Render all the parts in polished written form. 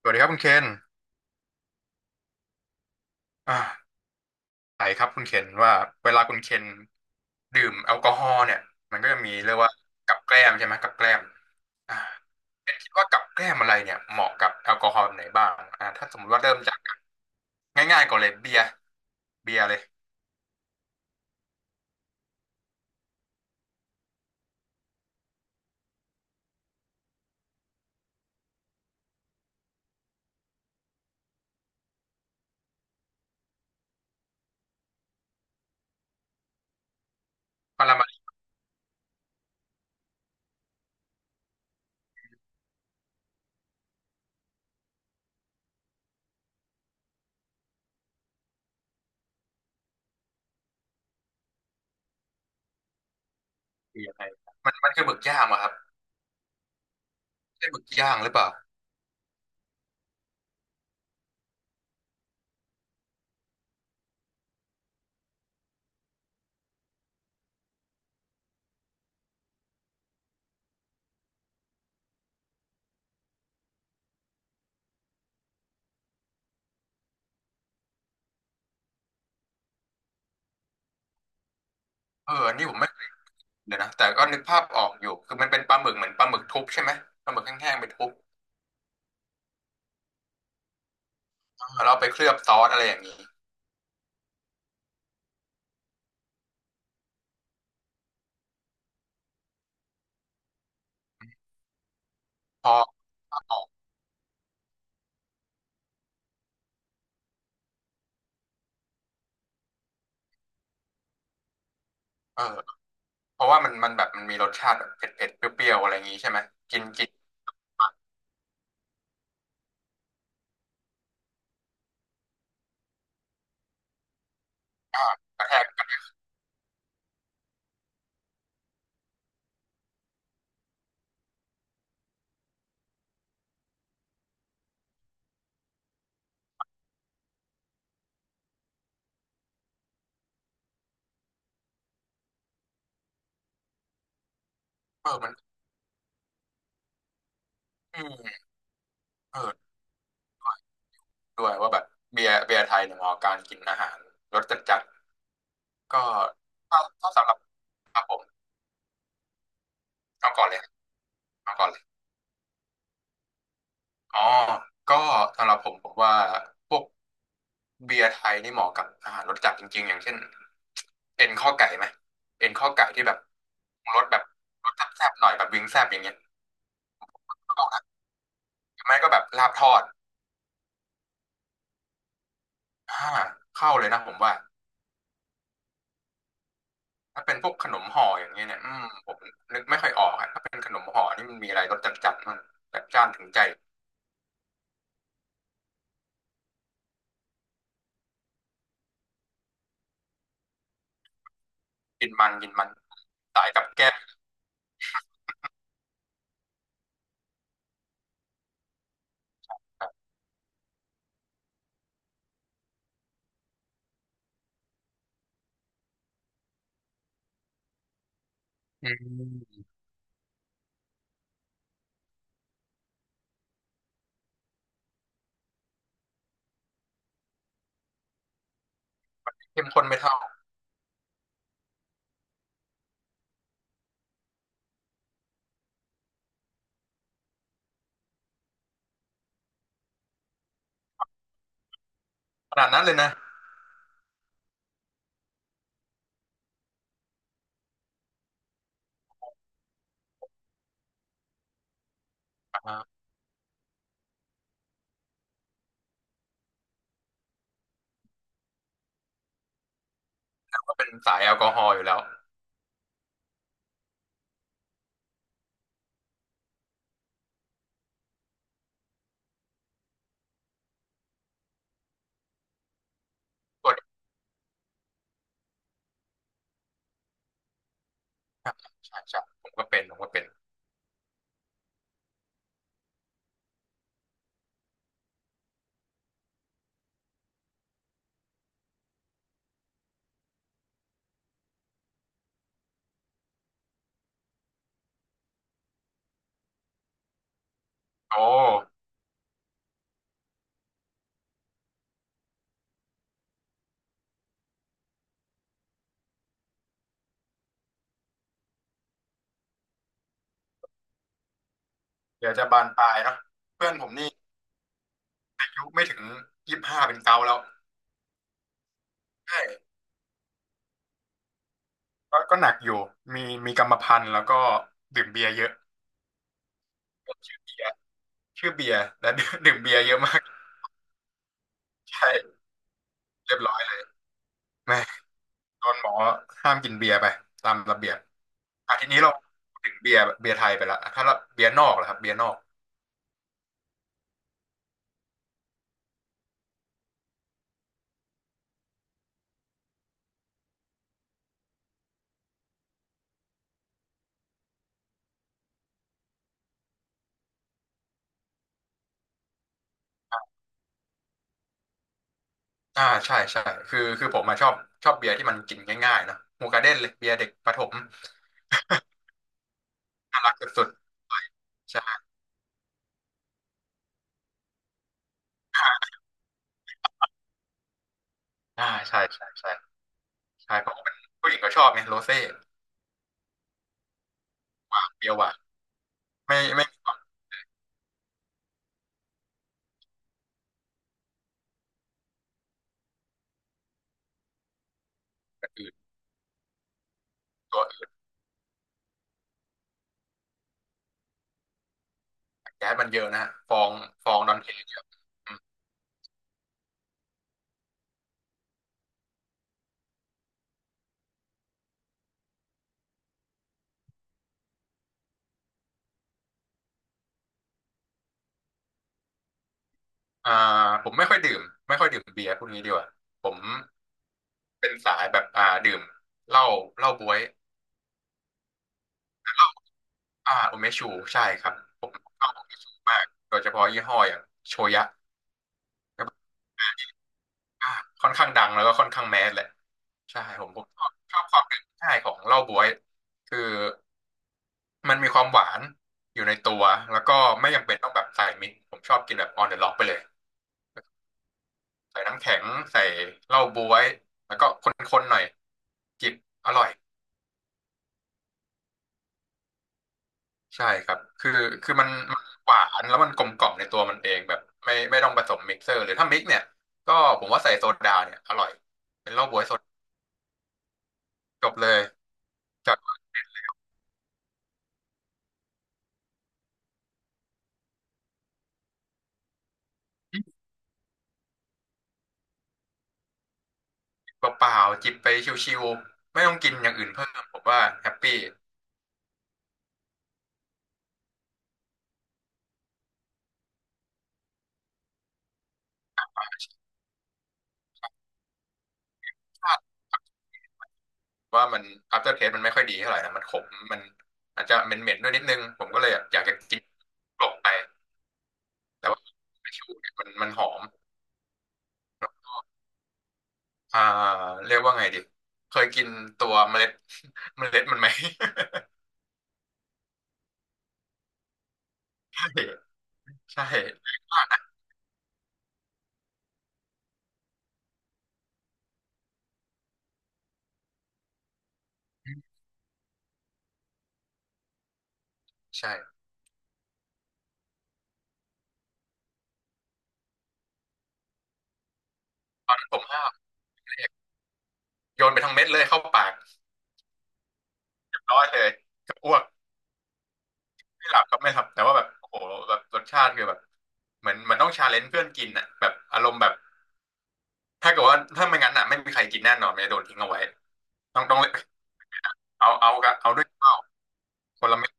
สวัสดีครับคุณเคนอ่าไหนครับคุณเคนว่าเวลาคุณเคนดื่มแอลกอฮอล์เนี่ยมันก็จะมีเรียกว่ากับแกล้มใช่ไหมกับแกล้มอ่าเคนคิดว่ากับแกล้มอะไรเนี่ยเหมาะกับแอลกอฮอล์แบบไหนบ้างถ้าสมมติว่าเริ่มจากง่ายๆก่อนเลยเบียร์เลยปราจารยเบียร์อะไรมันคือหมึกย่างอะครับใช่หมึกย่างหรือเปล่าเอออันนี่ผมไม่เคยเลยนะแต่ก็นึกภาพออกอยู่คือมันเป็นปลาหมึกเหมือนปลาหมึกทุบใช่ไหมปลาหมึกแห้งๆไปทุบแล้วเอาไปเคลือบซอสอะไรอย่างนี้พอเอาออกเออ เพราะว่ามันแบบมันมีรสชาติแบบเผ็ดเผ็ดเปรี้ยวๆอะไรอย่างงี้ใช่ไหมกินกินยากกระแทกเออมันอืมเออด้วยว่าแบบเบียร์ไทยเนี่ยเหมาะกับการกินอาหารรสจัดจัดก็ถ้าสำหรับครับผมเอาก่อนเลยเอาก่อนเลยอ๋อก็สำหรับผมว่าพวกเบียร์ไทยนี่เหมาะกับอาหารรสจัดจริงๆอย่างเช่นเอ็นข้อไก่ไหมเอ็นข้อไก่ที่แบบรสแซ่บๆหน่อยแบบวิงแซ่บอย่างเงี้ยไม่ก็แบบลาบทอดอ่าเข้าเลยนะผมว่า ถ้าเป็นพวกขนมห่ออย่างเงี้ยเนี่ยอืมผมนึกไม่ค่อยออกอะถ้าเป็นขนมห่อนี่มันมีอะไรรสจัดจัดมันจัดจ้านถึงใจกินมันกินมันสายกับแก้มอืมเข้มข้นไม่เท่าขนาดนั้นเลยนะอ่าก็เป็นสายแอลกอฮอล์อยู่แล้วตัวนี้ครับใช่ใช่ผมก็เป็นโอ้เดี๋ยวจะบานปลายเนาะเพื่อนผมนี่อายุไม่ถึง25เป็นเกาแล้วใช่ก็หนักอยู่มีมีกรรมพันธุ์แล้วก็ดื่มเบียร์เยอะชื่อเบียร์ชื่อเบียร์และ ดื่มเบียร์เยอะมากใช่เรียบร้อย แม่โดนหมอห้ามกินเบียร์ไปตามระเบียบอ่ะทีนี้เราพูดถึงเบียร์ไทยไปละถ้าเราเบียร์นอกล่ะครับเบียร์นอกใช่ใช่คือผมมาชอบเบียร์ที่มันกินง่ายๆเนาะหมูกระเด้นเลยเบียร์เด็กประถมน่ารักสุดๆใช่อ่าใช่ใช่ใช่ใช่เพราะว่าเป็นผู้หญิงก็ชอบไงโรเซ่เบียร์หวานไม่มีความกระอืดตัวอื่นแก๊สมันเยอะนะฮะฟองฟองดอนเทเยอะอืมอ่าผมไม่ค่อยดื่มไม่ค่อยดื่มเบียร์พวกนี้ดีกว่าผมเป็นสายแบบดื่มเหล้าเหล้าบ๊วย อ่าโอเมชูใช่ครับผมชอบโอเมชูมากโดยเฉพาะยี่ห้ออย่างโชยะก็แบบอ่าค่อนข้างดังแล้วก็ค่อนข้างแมสแหละใช่ผมชอบความเป็นง่ายของเหล้าบ๊วยคือมันมีความหวานอยู่ในตัวแล้วก็ไม่จำเป็นต้องแบบใส่มิกซ์ผมชอบกินแบบออนเดอะล็อกไปเลยใส่น้ำแข็งใส่เหล้าบ๊วยแล้วก็คนๆหน่อยจิบอร่อย ใช่ครับ คือมันหวานแล้วมันกลมกล่อมในตัวมันเองแบบไม่ต้องผสมมิกเซอร์หรือถ้ามิกเนี่ยก็ผมว่าใส่โซดาเนี่ยอร่อยเป็นเหล้าบ๊วยสดจบเลยจากเปล่าๆจิบไปชิวๆไม่ต้องกินอย่างอื่นเพิ่มผมว่าแฮปปี้ว่ามัน after taste มันไม่ค่อยดีเท่าไหร่นะมันขมมันอาจจะเหม็นๆด้วยนิดนึงผมก็เลยแบบอยากจะกินกลบไปแต่ว่าชิวเนี่ยมันหอมอ่าเรียกว่าไงดีเคยกินตัวเมล็ด เมล็ดมันไหม ใช่ใช่ตอนนั้นผมห้าวโยนไปทั้งเม็ดเลยเข้าปากเรียบร้อยเลยจกับอ้วกไม่หลับครับไม่หลับแต่ว่าแบบโอ้โหแบบรสชาติคือแบบเหมือนเหมันต้องชาเลนจ์เพื่อนกินอ่ะแบบอารมณ์แบบถ้าเกิดว่าถ้าไม่งั้นอ่ะไม่มีใครกินแน่นอนมันจะโดนทิ้งเอาไว้ต้องเอากบเอาด้วยข้าวคนละเม็ด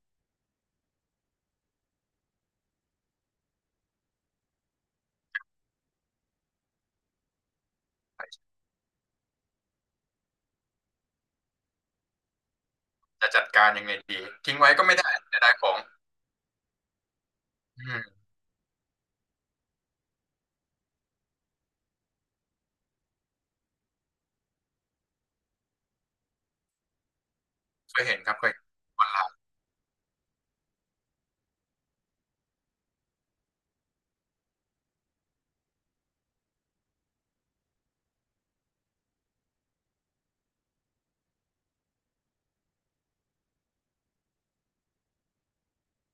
จะจัดการยังไงดีทิ้งไว้ก็ไม่ได้จะได้ของอืมเคยเห็นครับเคยเห็นคนลาว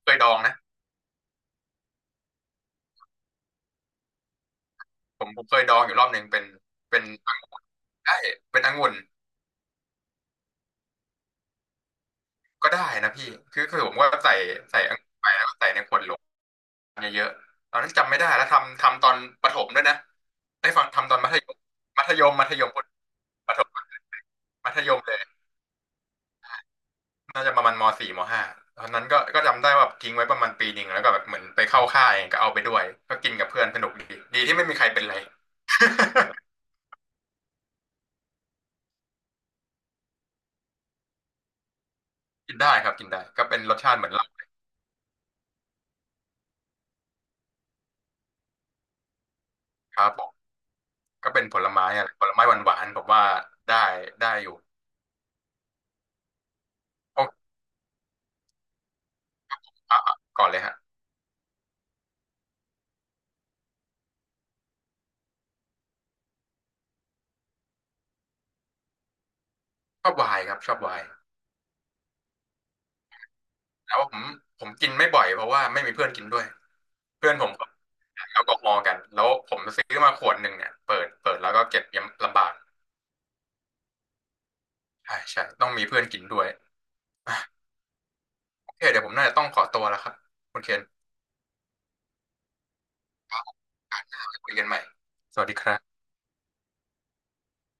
เคยดองนะผมเคยดองอยู่รอบหนึ่งเป็นเป็นใช่เป็นองุ่น ก็ได้นะพี่คือผมก็ใส่อังุ่นไปแล้วก็ใส่ในขวดโหลเยอะๆตอนนั้นจำไม่ได้แล้วทำตอนประถมด้วยนะได้ฟังทำตอนมัธยมมัธยมมัธยมประถมมัธยมเลยน่าจะประมาณมสี่มห้าตอนนั้นก็จำได้ว่าทิ้งไว้ประมาณปีหนึ่งแล้วก็แบบเหมือนไปเข้าค่ายก็เอาไปด้วยก็กินกับเพื่อนสนุกดีดีที่ไม่มีใครเป็นไร กินได้ครับกินได้ก็เป็นรสชาติเหมือนเหล้าครับผมก็เป็นผลไม้อะไรผลไม้หวานๆผมว่าได้ได้อยู่โอ้อ่ะอ่ะก่อนเลยฮะชอบไวน์ครับชอบไวน์ แล้วผมกินไม่บ่อยเพราะว่าไม่มีเพื่อนกินด้วยเพื่อนผมก็ขายแอลกอฮอล์กันแล้วผมซื้อมาขวดหนึ่งเนี่ยเปิดแล้วก็เก็บยังลำบากใช่ใช่ต้องมีเพื่อนกินด้วยอ่ะโอเคเดี๋ยวผมน่าจะต้องขอตัวแล้วครับคุณเคนคุยกันใหม่สวัสดีครับ